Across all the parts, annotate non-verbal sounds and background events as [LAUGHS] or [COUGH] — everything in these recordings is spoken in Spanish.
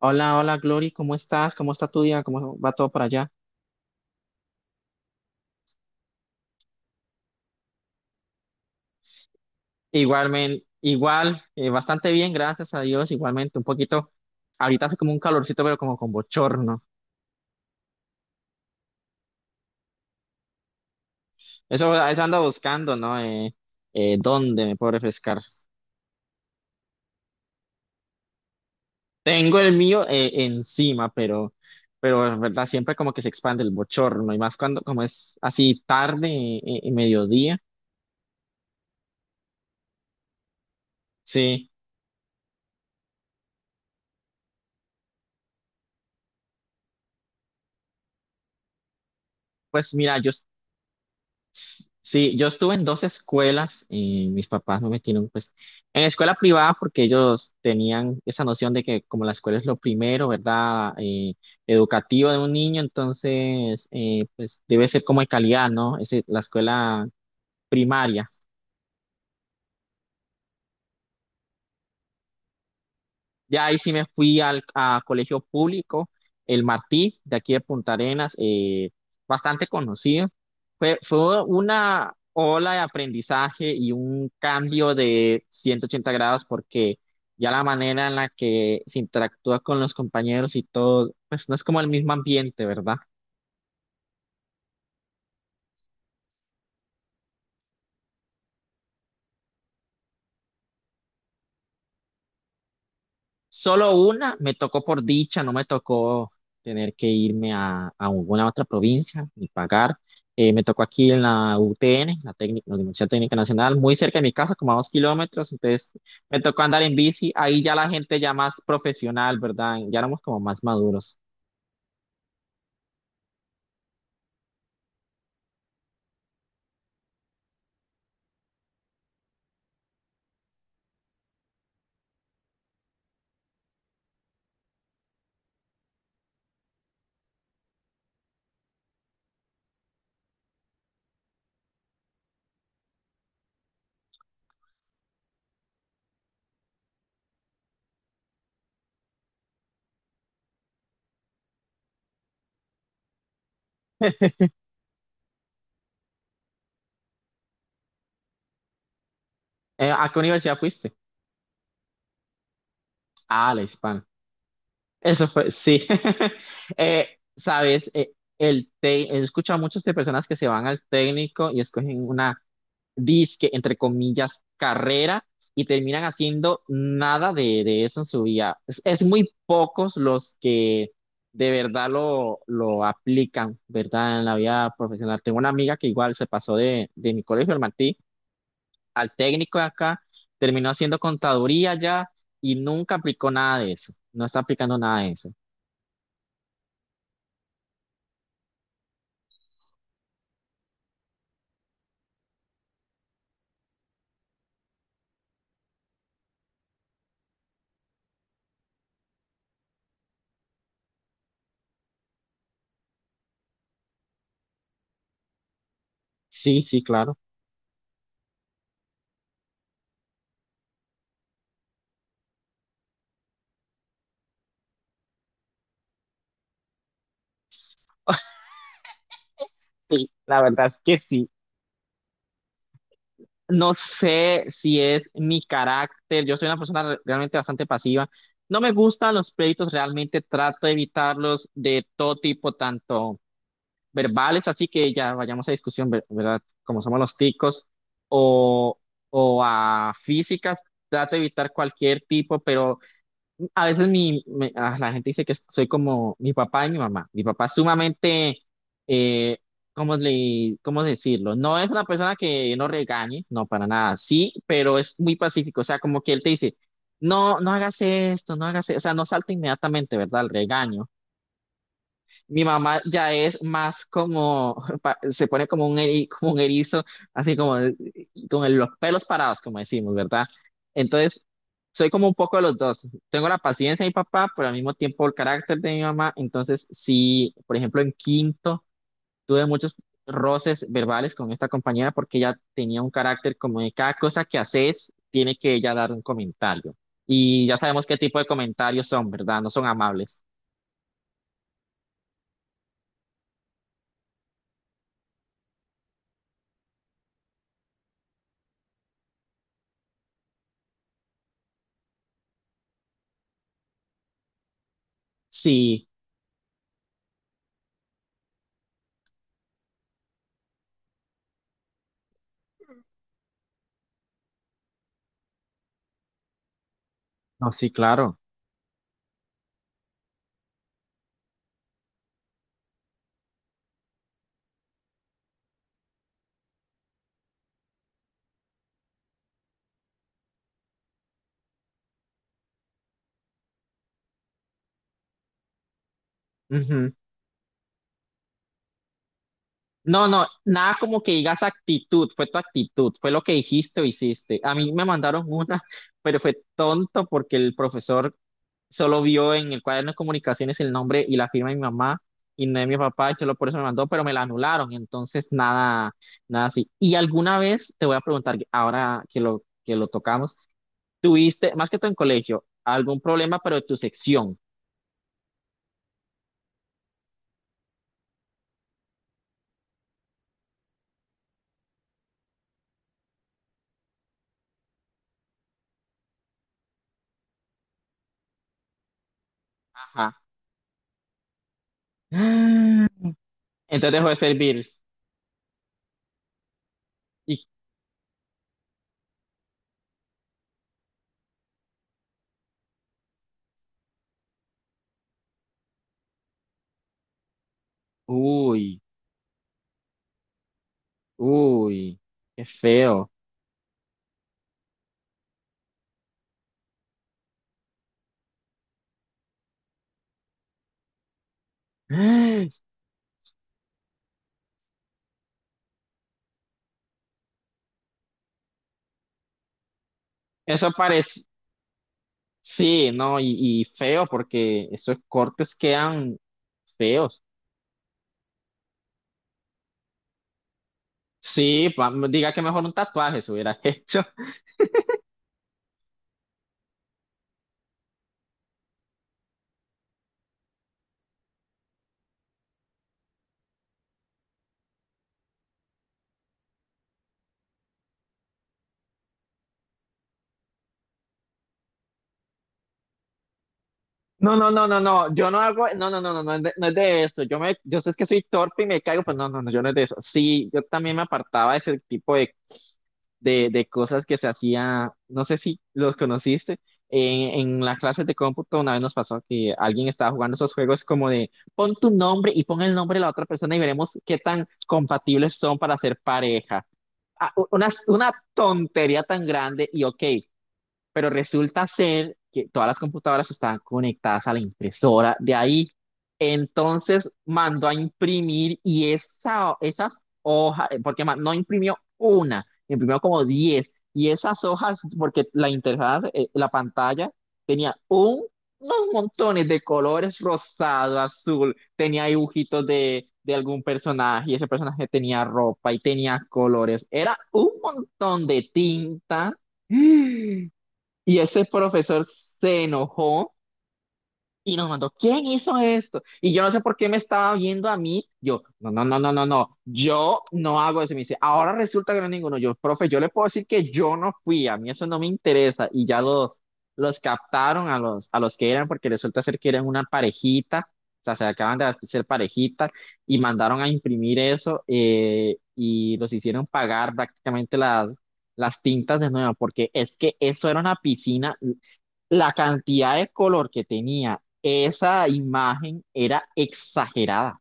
Hola, hola, Glory, ¿cómo estás? ¿Cómo está tu día? ¿Cómo va todo por allá? Igualmente, igual, bastante bien, gracias a Dios, igualmente, un poquito, ahorita hace como un calorcito, pero como con bochorno. Eso ando buscando, ¿no? ¿Dónde me puedo refrescar? Tengo el mío encima, pero es verdad, siempre como que se expande el bochorno, y más cuando, como es así tarde, mediodía. Sí, pues mira, sí, yo estuve en dos escuelas y mis papás no me metieron pues en escuela privada porque ellos tenían esa noción de que como la escuela es lo primero, ¿verdad? Educativo de un niño, entonces pues debe ser como de calidad, ¿no? Es la escuela primaria. Ya ahí sí me fui al a colegio público, el Martí, de aquí de Punta Arenas, bastante conocido. Fue una ola de aprendizaje y un cambio de 180 grados porque ya la manera en la que se interactúa con los compañeros y todo, pues no es como el mismo ambiente, ¿verdad? Solo una me tocó por dicha, no me tocó tener que irme a alguna otra provincia ni pagar. Me tocó aquí en la UTN, técnica, la Universidad Técnica Nacional, muy cerca de mi casa, como a 2 kilómetros. Entonces me tocó andar en bici. Ahí ya la gente ya más profesional, ¿verdad? Ya éramos como más maduros. ¿A qué universidad fuiste? Ah, la Hispana. Eso fue, sí. [LAUGHS] Eh, sabes, he escuchado a muchas de personas que se van al técnico y escogen una disque, entre comillas, carrera y terminan haciendo nada de eso en su vida. Es muy pocos los que de verdad lo aplican, ¿verdad? En la vida profesional. Tengo una amiga que igual se pasó de mi colegio, el Martí, al técnico de acá, terminó haciendo contaduría ya y nunca aplicó nada de eso. No está aplicando nada de eso. Sí, sí, claro. [LAUGHS] Sí, la verdad es que sí. No sé si es mi carácter, yo soy una persona realmente bastante pasiva. No me gustan los pleitos, realmente trato de evitarlos de todo tipo, tanto verbales, así que ya vayamos a discusión, ¿verdad? Como somos los ticos, o, o a físicas, trato de evitar cualquier tipo, pero a veces la gente dice que soy como mi papá y mi mamá. Mi papá es sumamente, eh, ¿cómo decirlo? No es una persona que no regañe, no, para nada, sí, pero es muy pacífico. O sea, como que él te dice, no, no hagas esto, no hagas esto. O sea, no salta inmediatamente, ¿verdad? El regaño. Mi mamá ya es más como, [LAUGHS] se pone como un erizo, así como con los pelos parados, como decimos, ¿verdad? Entonces, soy como un poco de los dos. Tengo la paciencia de mi papá, pero al mismo tiempo el carácter de mi mamá. Entonces, sí, por ejemplo, en quinto tuve muchos roces verbales con esta compañera porque ella tenía un carácter como de cada cosa que haces, tiene que ella dar un comentario. Y ya sabemos qué tipo de comentarios son, ¿verdad? No son amables. Sí, no, sí, claro. Ujú. No, no, nada como que digas actitud, fue tu actitud, fue lo que dijiste o hiciste. A mí me mandaron [LAUGHS] una, pero fue tonto porque el profesor solo vio en el cuaderno de comunicaciones el nombre y la firma de mi mamá y no de mi papá y solo por eso me mandó, pero me la anularon, entonces nada, nada así. Y alguna vez te voy a preguntar, ahora que lo tocamos, ¿tuviste, más que todo en colegio, algún problema, pero de tu sección? Ajá. [GASPS] Entonces dejó de servir. Y, uy. Uy, qué feo. [GASPS] Eso parece, sí, no, y feo porque esos cortes quedan feos. Sí, diga que mejor un tatuaje se hubiera [LAUGHS] hecho. No, no, no, no, no, yo no hago, no, no, no, no, no, es de, no es de esto. Yo me, yo sé que soy torpe y me caigo, pero no, no, no, yo no es de eso. Sí, yo también me apartaba de ese tipo de cosas que se hacía, no sé si los conociste, en las clases de cómputo una vez nos pasó que alguien estaba jugando esos juegos como de pon tu nombre y pon el nombre de la otra persona y veremos qué tan compatibles son para ser pareja. Ah, una tontería tan grande y ok, pero resulta ser que todas las computadoras estaban conectadas a la impresora de ahí. Entonces mandó a imprimir y esas hojas, porque no imprimió una, imprimió como 10. Y esas hojas, porque la interfaz, la pantalla, tenía unos montones de colores rosado, azul, tenía dibujitos de algún personaje y ese personaje tenía ropa y tenía colores. Era un montón de tinta. [GASPS] Y ese profesor se enojó y nos mandó, ¿quién hizo esto? Y yo no sé por qué me estaba viendo a mí. Yo, no, no, no, no, no, no, yo no hago eso. Y me dice, ahora resulta que no es ninguno. Yo, profe, yo le puedo decir que yo no fui, a mí eso no me interesa. Y ya los captaron a los que eran, porque resulta ser que eran una parejita, o sea, se acaban de ser parejita y mandaron a imprimir eso y los hicieron pagar prácticamente las tintas de nuevo, porque es que eso era una piscina, la cantidad de color que tenía esa imagen era exagerada.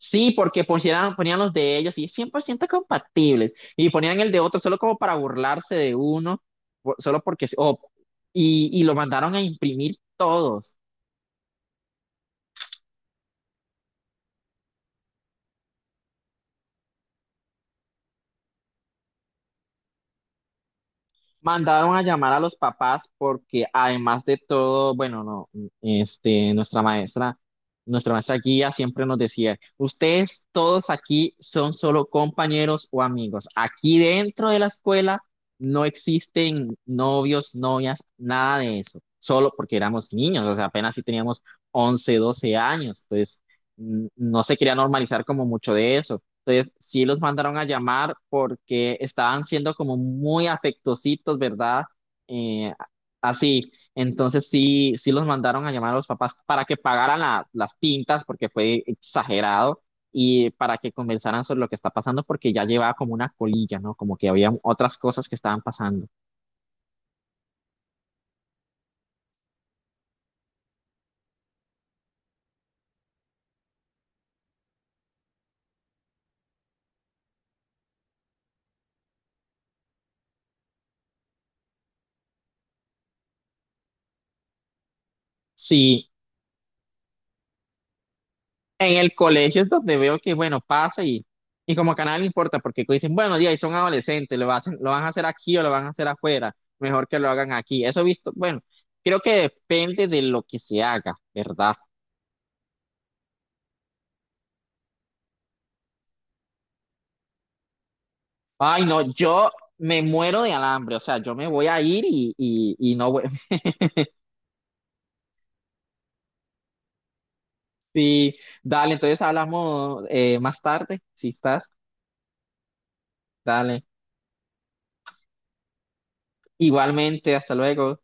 Sí, porque ponían los de ellos y 100% compatibles y ponían el de otro solo como para burlarse de uno, solo porque... sí, y lo mandaron a imprimir todos. Mandaron a llamar a los papás porque además de todo, bueno, no, este, nuestra maestra guía siempre nos decía, ustedes todos aquí son solo compañeros o amigos. Aquí dentro de la escuela no existen novios, novias, nada de eso. Solo porque éramos niños, o sea, apenas si teníamos 11 12 años. Entonces, no se quería normalizar como mucho de eso. Entonces, sí los mandaron a llamar porque estaban siendo como muy afectositos, ¿verdad? Eh, así. Entonces, sí, sí los mandaron a llamar a los papás para que pagaran las tintas porque fue exagerado y para que conversaran sobre lo que está pasando porque ya llevaba como una colilla, ¿no? Como que había otras cosas que estaban pasando. Sí. En el colegio es donde veo que, bueno, pasa y como que a nadie le importa, porque dicen, bueno, ya, y son adolescentes, lo hacen, lo van a hacer aquí o lo van a hacer afuera, mejor que lo hagan aquí. Eso he visto, bueno, creo que depende de lo que se haga, ¿verdad? Ay, no, yo me muero de alambre, o sea, yo me voy a ir y no voy. [LAUGHS] Sí, dale, entonces hablamos más tarde, si estás, dale. Igualmente, hasta luego.